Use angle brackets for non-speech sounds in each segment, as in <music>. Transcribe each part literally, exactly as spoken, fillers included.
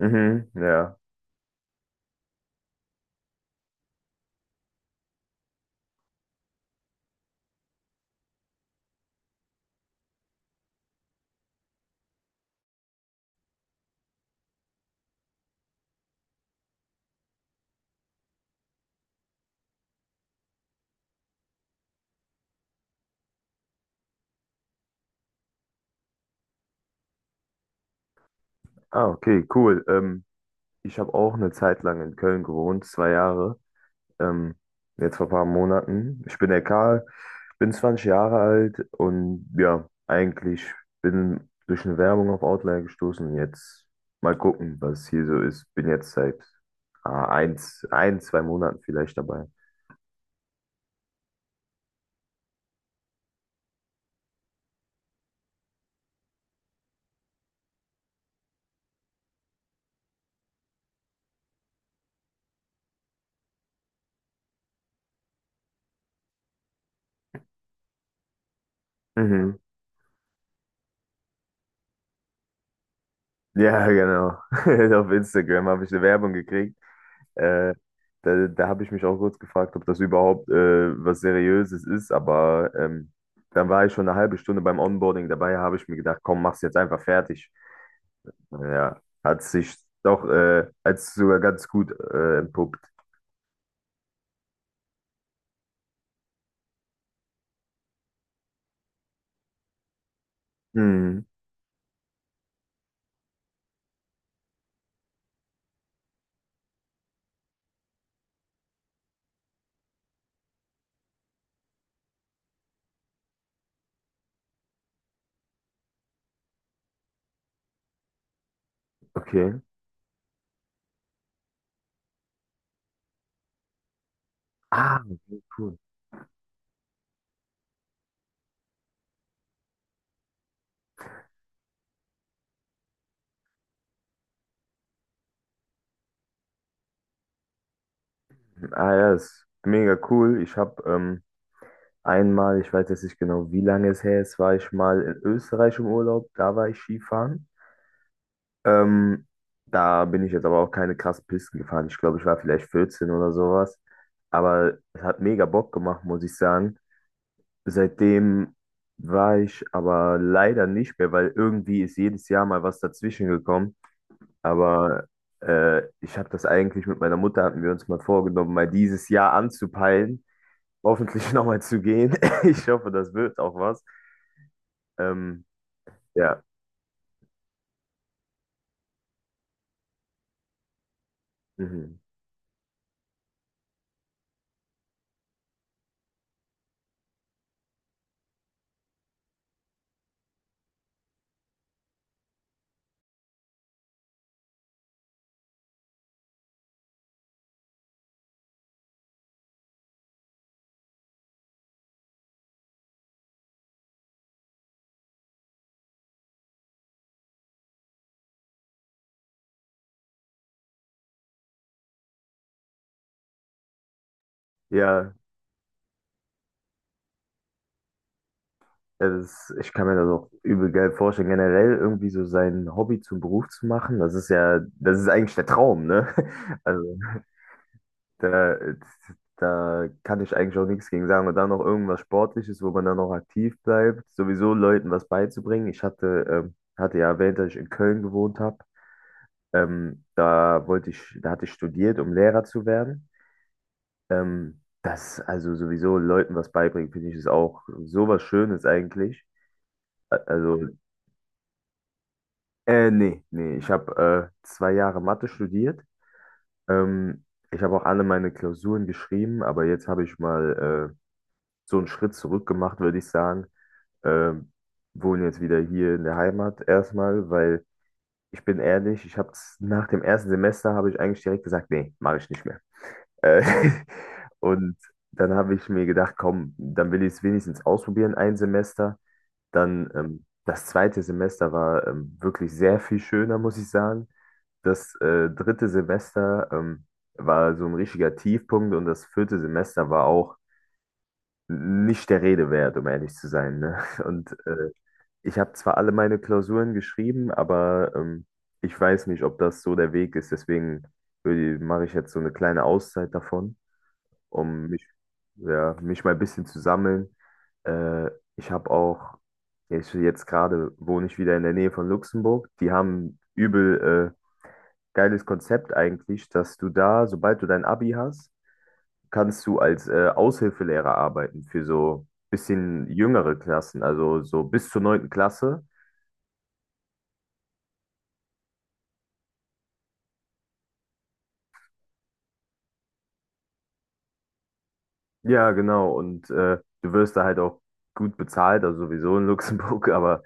Mhm, ja. Ah, okay, cool. Ähm, ich habe auch eine Zeit lang in Köln gewohnt, zwei Jahre. Ähm, Jetzt vor ein paar Monaten. Ich bin der Karl, bin zwanzig Jahre alt und ja, eigentlich bin durch eine Werbung auf Outlier gestoßen. Jetzt mal gucken, was hier so ist. Bin jetzt seit ah, eins, ein, zwei Monaten vielleicht dabei. Mhm. Ja, genau. <laughs> Auf Instagram habe ich eine Werbung gekriegt. Äh, da da habe ich mich auch kurz gefragt, ob das überhaupt äh, was Seriöses ist, aber ähm, dann war ich schon eine halbe Stunde beim Onboarding dabei, habe ich mir gedacht, komm, mach's jetzt einfach fertig. Ja, hat sich doch äh, als sogar ganz gut äh, entpuppt. Hm, okay. Ah, okay, cool. Ah ja, ist mega cool. Ich habe ähm, einmal, ich weiß jetzt nicht genau, wie lange es her ist, war ich mal in Österreich im Urlaub, da war ich Skifahren. Ähm, Da bin ich jetzt aber auch keine krassen Pisten gefahren. Ich glaube, ich war vielleicht vierzehn oder sowas. Aber es hat mega Bock gemacht, muss ich sagen. Seitdem war ich aber leider nicht mehr, weil irgendwie ist jedes Jahr mal was dazwischen gekommen. Aber äh, ich habe das eigentlich mit meiner Mutter, hatten wir uns mal vorgenommen, mal dieses Jahr anzupeilen. Hoffentlich <laughs> nochmal zu gehen. <laughs> Ich hoffe, das wird auch was. Ähm, ja. Mhm. Ja, ja, das ist, ich kann mir das auch übel geil vorstellen. Generell irgendwie so sein Hobby zum Beruf zu machen, das ist ja, das ist eigentlich der Traum, ne? <laughs> Also da, da kann ich eigentlich auch nichts gegen sagen. Und dann noch irgendwas Sportliches, wo man dann noch aktiv bleibt, sowieso Leuten was beizubringen. Ich hatte, ähm, hatte ja erwähnt, dass ich in Köln gewohnt habe. Ähm, da wollte ich, da hatte ich studiert, um Lehrer zu werden. Ähm, das also sowieso Leuten was beibringen, finde ich, ist auch sowas Schönes eigentlich. Also Äh, nee, nee, ich habe äh, zwei Jahre Mathe studiert. Ähm, Ich habe auch alle meine Klausuren geschrieben, aber jetzt habe ich mal äh, so einen Schritt zurück gemacht, würde ich sagen. Ähm, Wohne jetzt wieder hier in der Heimat erstmal, weil ich bin ehrlich, ich habe nach dem ersten Semester habe ich eigentlich direkt gesagt, nee, mache ich nicht mehr. Äh, <laughs> und dann habe ich mir gedacht, komm, dann will ich es wenigstens ausprobieren, ein Semester. Dann ähm, das zweite Semester war ähm, wirklich sehr viel schöner, muss ich sagen. Das äh, dritte Semester ähm, war so ein richtiger Tiefpunkt und das vierte Semester war auch nicht der Rede wert, um ehrlich zu sein. Ne? <laughs> Und äh, ich habe zwar alle meine Klausuren geschrieben, aber ähm, ich weiß nicht, ob das so der Weg ist. Deswegen würde- mache ich jetzt so eine kleine Auszeit davon, um mich, ja, mich mal ein bisschen zu sammeln. Äh, ich habe auch, ja, ich, jetzt gerade wohne ich wieder in der Nähe von Luxemburg. Die haben übel äh, geiles Konzept eigentlich, dass du da, sobald du dein Abi hast, kannst du als äh, Aushilfelehrer arbeiten für so bisschen jüngere Klassen, also so bis zur neunten Klasse. Ja, genau. Und äh, du wirst da halt auch gut bezahlt, also sowieso in Luxemburg, <laughs> aber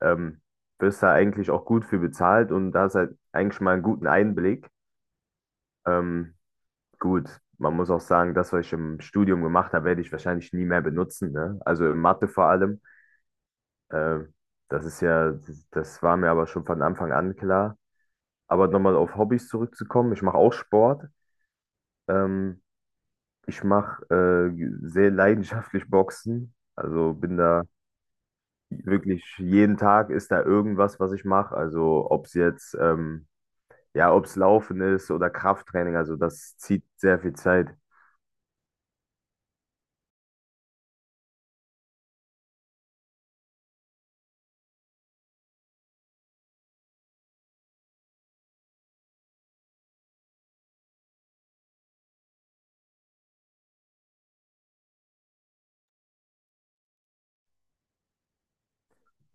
ähm, wirst da eigentlich auch gut für bezahlt und da ist halt eigentlich mal einen guten Einblick. Ähm, gut, man muss auch sagen, das, was ich im Studium gemacht habe, werde ich wahrscheinlich nie mehr benutzen, ne? Also in Mathe vor allem. Äh, Das ist ja, das war mir aber schon von Anfang an klar. Aber nochmal auf Hobbys zurückzukommen, ich mache auch Sport. Ähm, Ich mache äh, sehr leidenschaftlich Boxen. Also bin da wirklich jeden Tag ist da irgendwas, was ich mache. Also ob es jetzt ähm, ja, ob es Laufen ist oder Krafttraining, also das zieht sehr viel Zeit.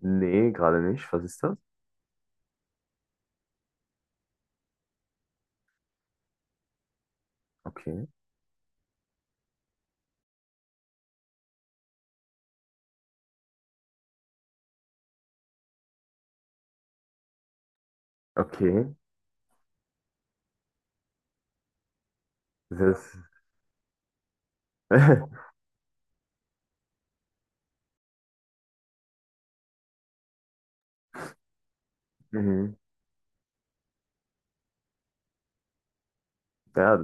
Nee, gerade nicht. Was ist das? Okay. Okay. Das. <laughs> Mhm. Ja,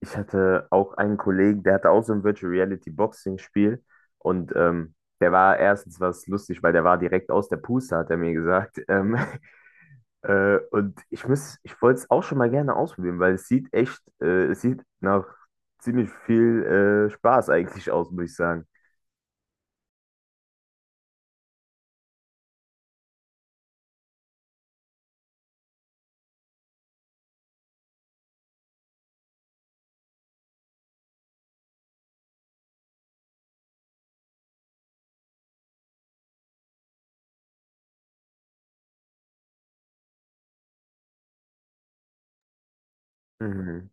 ich hatte auch einen Kollegen, der hatte auch so ein Virtual Reality Boxing Spiel und ähm, der war erstens was lustig, weil der war direkt aus der Puste, hat er mir gesagt. Ähm, <laughs> äh, und ich muss, ich wollte es auch schon mal gerne ausprobieren, weil es sieht echt, äh, es sieht nach ziemlich viel äh, Spaß eigentlich aus, muss ich sagen. Mhm.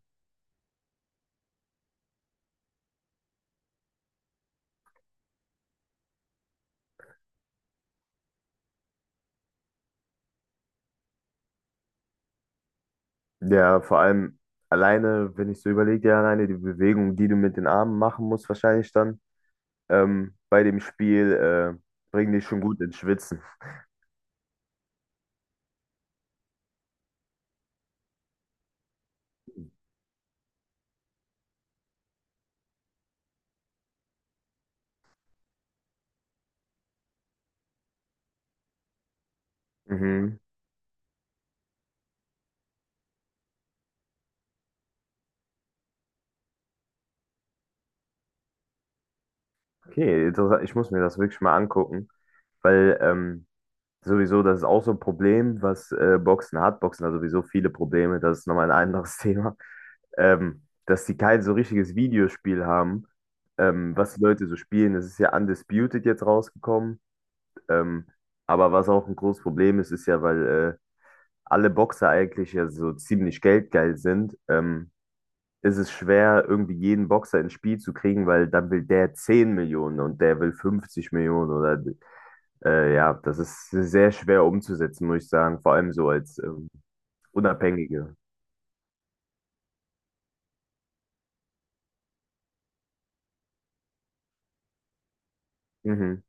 Ja, vor allem alleine, wenn ich so überlege, ja, alleine die Bewegung, die du mit den Armen machen musst, wahrscheinlich dann ähm, bei dem Spiel, äh, bringen dich schon gut ins Schwitzen. Mhm. Okay, interessant. Ich muss mir das wirklich mal angucken, weil ähm, sowieso, das ist auch so ein Problem, was äh, Boxen hat. Boxen hat sowieso viele Probleme, das ist nochmal ein anderes <laughs> Thema, ähm, dass sie kein so richtiges Videospiel haben, ähm, was die Leute so spielen. Das ist ja Undisputed jetzt rausgekommen. Ähm, aber was auch ein großes Problem ist, ist ja, weil äh, alle Boxer eigentlich ja so ziemlich geldgeil sind, ähm, ist es schwer, irgendwie jeden Boxer ins Spiel zu kriegen, weil dann will der zehn Millionen und der will fünfzig Millionen oder äh, ja, das ist sehr schwer umzusetzen, muss ich sagen, vor allem so als ähm, Unabhängige. Mhm,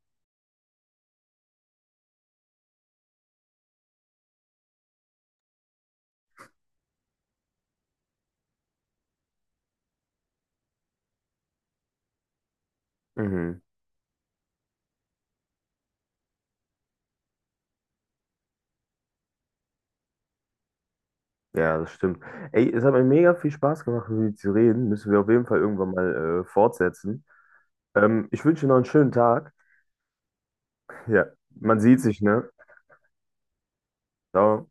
mhm. Ja, das stimmt. Ey, es hat mir mega viel Spaß gemacht, mit dir zu reden. Müssen wir auf jeden Fall irgendwann mal äh, fortsetzen. Ähm, ich wünsche dir noch einen schönen Tag. Ja, man sieht sich, ne? ciao